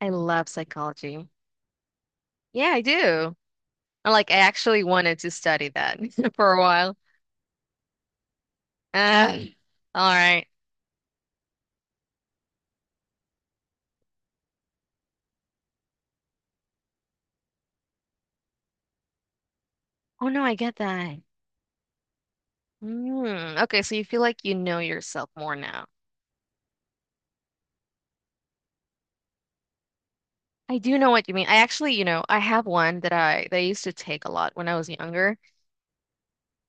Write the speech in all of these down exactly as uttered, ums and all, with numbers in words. I love psychology. Yeah, I do. I like I actually wanted to study that for a while. Uh, all right. Oh no, I get that. Mm, okay, so you feel like you know yourself more now. I do know what you mean. I actually, you know, I have one that I that I used to take a lot when I was younger.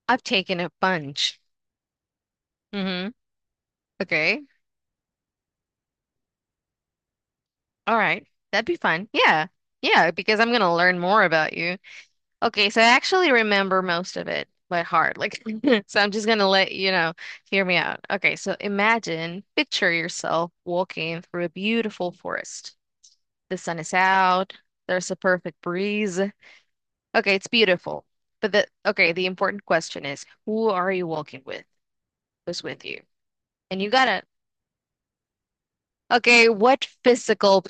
I've taken a bunch. Mm-hmm. Okay. All right. That'd be fun. Yeah. Yeah, because I'm gonna learn more about you. Okay, so I actually remember most of it by heart. Like, so I'm just gonna let you know, hear me out. Okay, so imagine, picture yourself walking through a beautiful forest. The sun is out, there's a perfect breeze. Okay, it's beautiful. But the Okay, the important question is, who are you walking with? Who's with you? And you gotta, okay, what physical,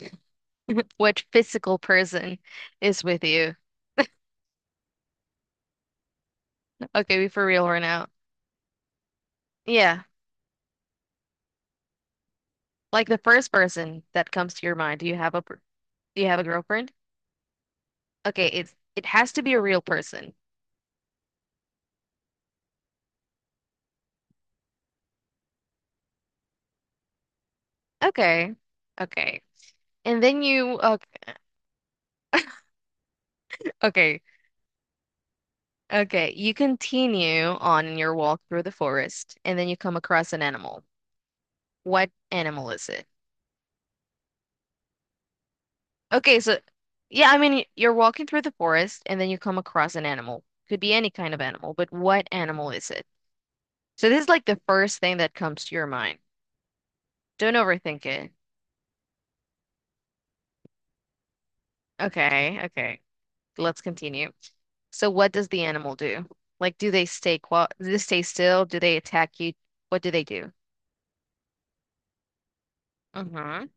what physical person is with you? Okay, we for real right now. Yeah. Like the first person that comes to your mind. Do you have a per- do you have a girlfriend? Okay, it's it has to be a real person. Okay. Okay. And then you Okay, okay. Okay, you continue on your walk through the forest and then you come across an animal. What animal is it? Okay, so yeah, I mean you're walking through the forest and then you come across an animal. Could be any kind of animal, but what animal is it? So this is like the first thing that comes to your mind. Don't overthink it. Okay, okay. Let's continue. So what does the animal do? Like, do they stay quiet? Do they stay still? Do they attack you? What do they do? Mm-hmm.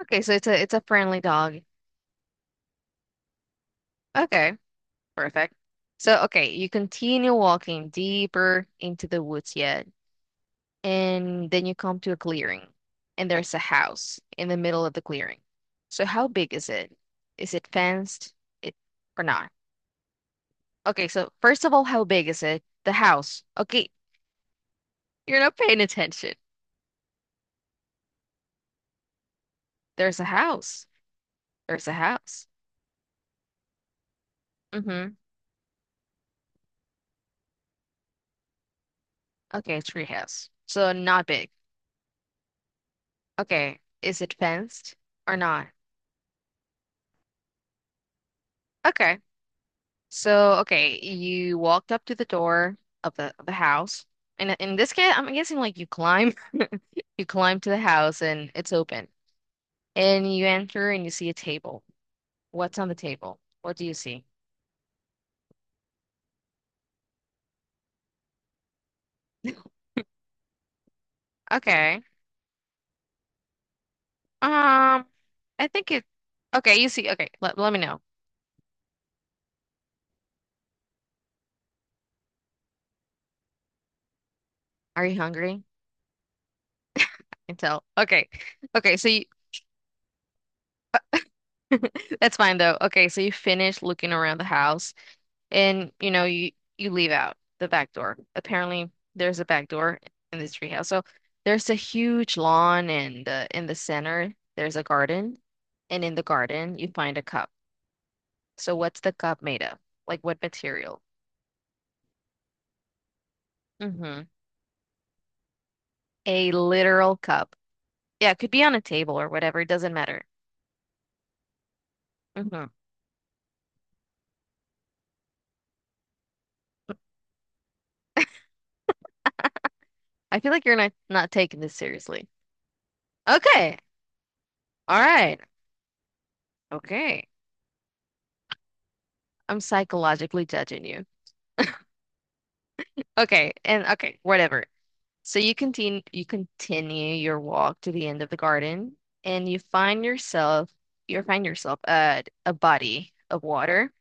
Okay, so it's a it's a friendly dog. Okay, perfect. So okay, you continue walking deeper into the woods yet, and then you come to a clearing, and there's a house in the middle of the clearing. So how big is it? Is it fenced? It or not? Okay, so first of all, how big is it? The house. Okay, you're not paying attention. There's a house. There's a house. Mm-hmm. Okay, tree house. So not big. Okay. Is it fenced or not? Okay. So okay, you walked up to the door of the of the house. And in this case, I'm guessing like you climb you climb to the house and it's open. And you enter and you see a table. What's on the table? What do you see? Okay. Um, I think it Okay, you see okay, let, let me know. Are you hungry? I can tell. Okay. Okay, so you that's fine though. Okay, so you finish looking around the house and you know you you leave out the back door. Apparently there's a back door in this treehouse. So there's a huge lawn and uh, in the center there's a garden and in the garden you find a cup. So what's the cup made of? Like what material? Mm-hmm. A literal cup. Yeah, it could be on a table or whatever, it doesn't matter. Mm-hmm. I feel like you're not not taking this seriously. Okay. All right. Okay. I'm psychologically judging you. Okay, and okay, whatever. So you continue you continue your walk to the end of the garden and you find yourself you find yourself at a body of water.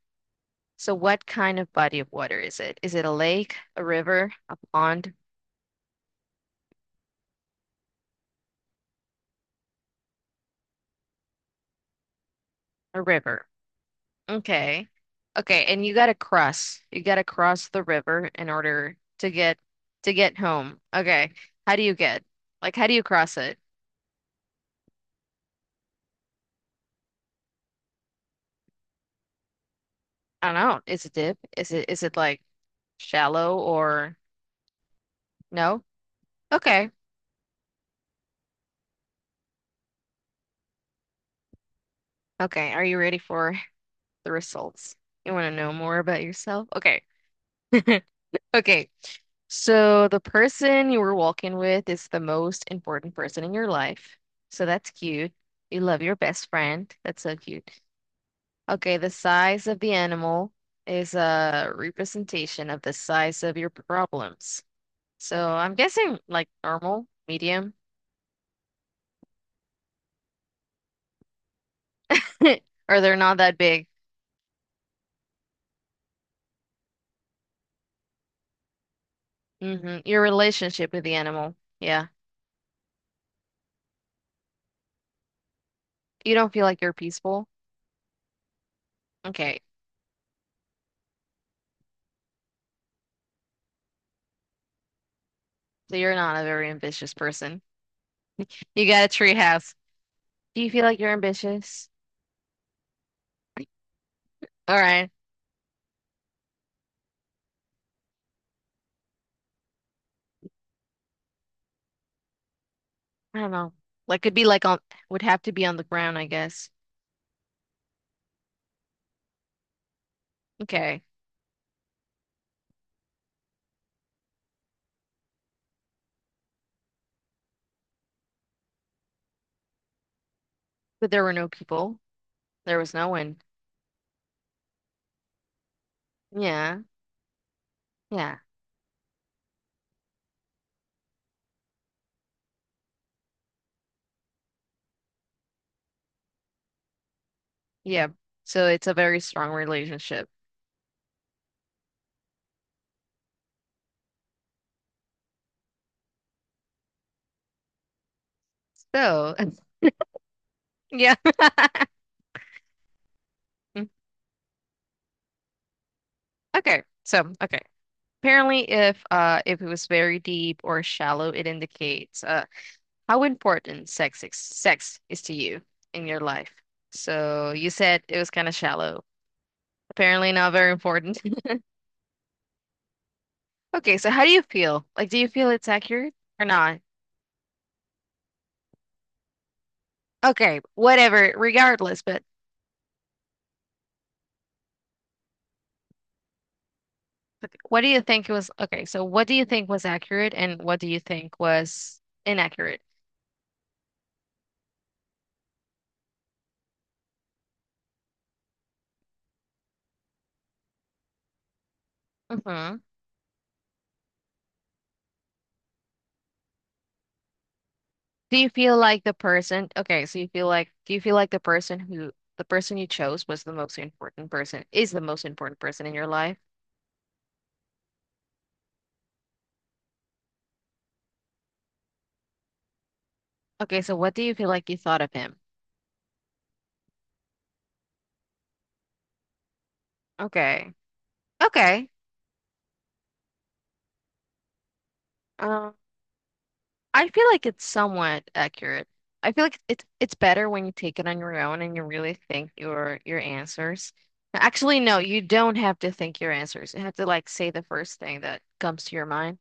So what kind of body of water is it? Is it a lake, a river, a pond, a river? Okay. Okay, and you gotta cross. You gotta cross the river in order to get to get home. Okay. How do you get? Like how do you cross it? I don't know. Is it deep? Is it is it like shallow or no? Okay. Okay. Are you ready for the results? You want to know more about yourself? Okay. Okay. So the person you were walking with is the most important person in your life. So that's cute. You love your best friend. That's so cute. Okay, the size of the animal is a representation of the size of your problems. So I'm guessing like normal, medium, or they're not that big. Hmm. Your relationship with the animal. Yeah. You don't feel like you're peaceful. Okay, so you're not a very ambitious person. You got a tree house. Do you feel like you're ambitious? All right. I don't know. Like could be like on would have to be on the ground, I guess. Okay. But there were no people. There was no one. Yeah. Yeah. Yeah. So it's a very strong relationship. So yeah. Mm, Okay. So, okay. Apparently if uh if it was very deep or shallow, it indicates uh how important sex is, sex is to you in your life? So you said it was kind of shallow. Apparently not very important. Okay, so how do you feel? Like, do you feel it's accurate or not? Okay, whatever, regardless, but what do you think was okay, so what do you think was accurate and what do you think was inaccurate? Hmm. Do you feel like the person, okay, so you feel like do you feel like the person who the person you chose was the most important person, is the most important person in your life? Okay, so what do you feel like you thought of him? Okay. Okay. Um, I feel like it's somewhat accurate. I feel like it's it's better when you take it on your own and you really think your your answers. Actually, no, you don't have to think your answers. You have to like say the first thing that comes to your mind.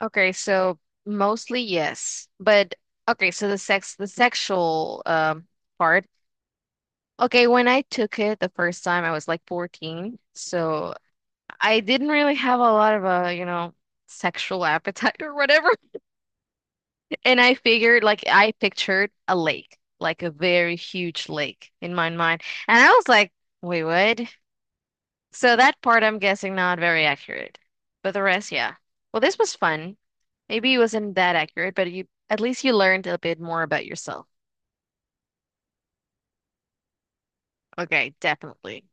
Okay, so mostly yes. But okay, so the sex the sexual um part. Okay, when I took it the first time, I was like fourteen. So I didn't really have a lot of a, you know, sexual appetite or whatever. And I figured, like, I pictured a lake, like a very huge lake in my mind. And I was like, wait, what? So that part I'm guessing not very accurate. But the rest, yeah. Well, this was fun. Maybe it wasn't that accurate, but you at least you learned a bit more about yourself. Okay, definitely.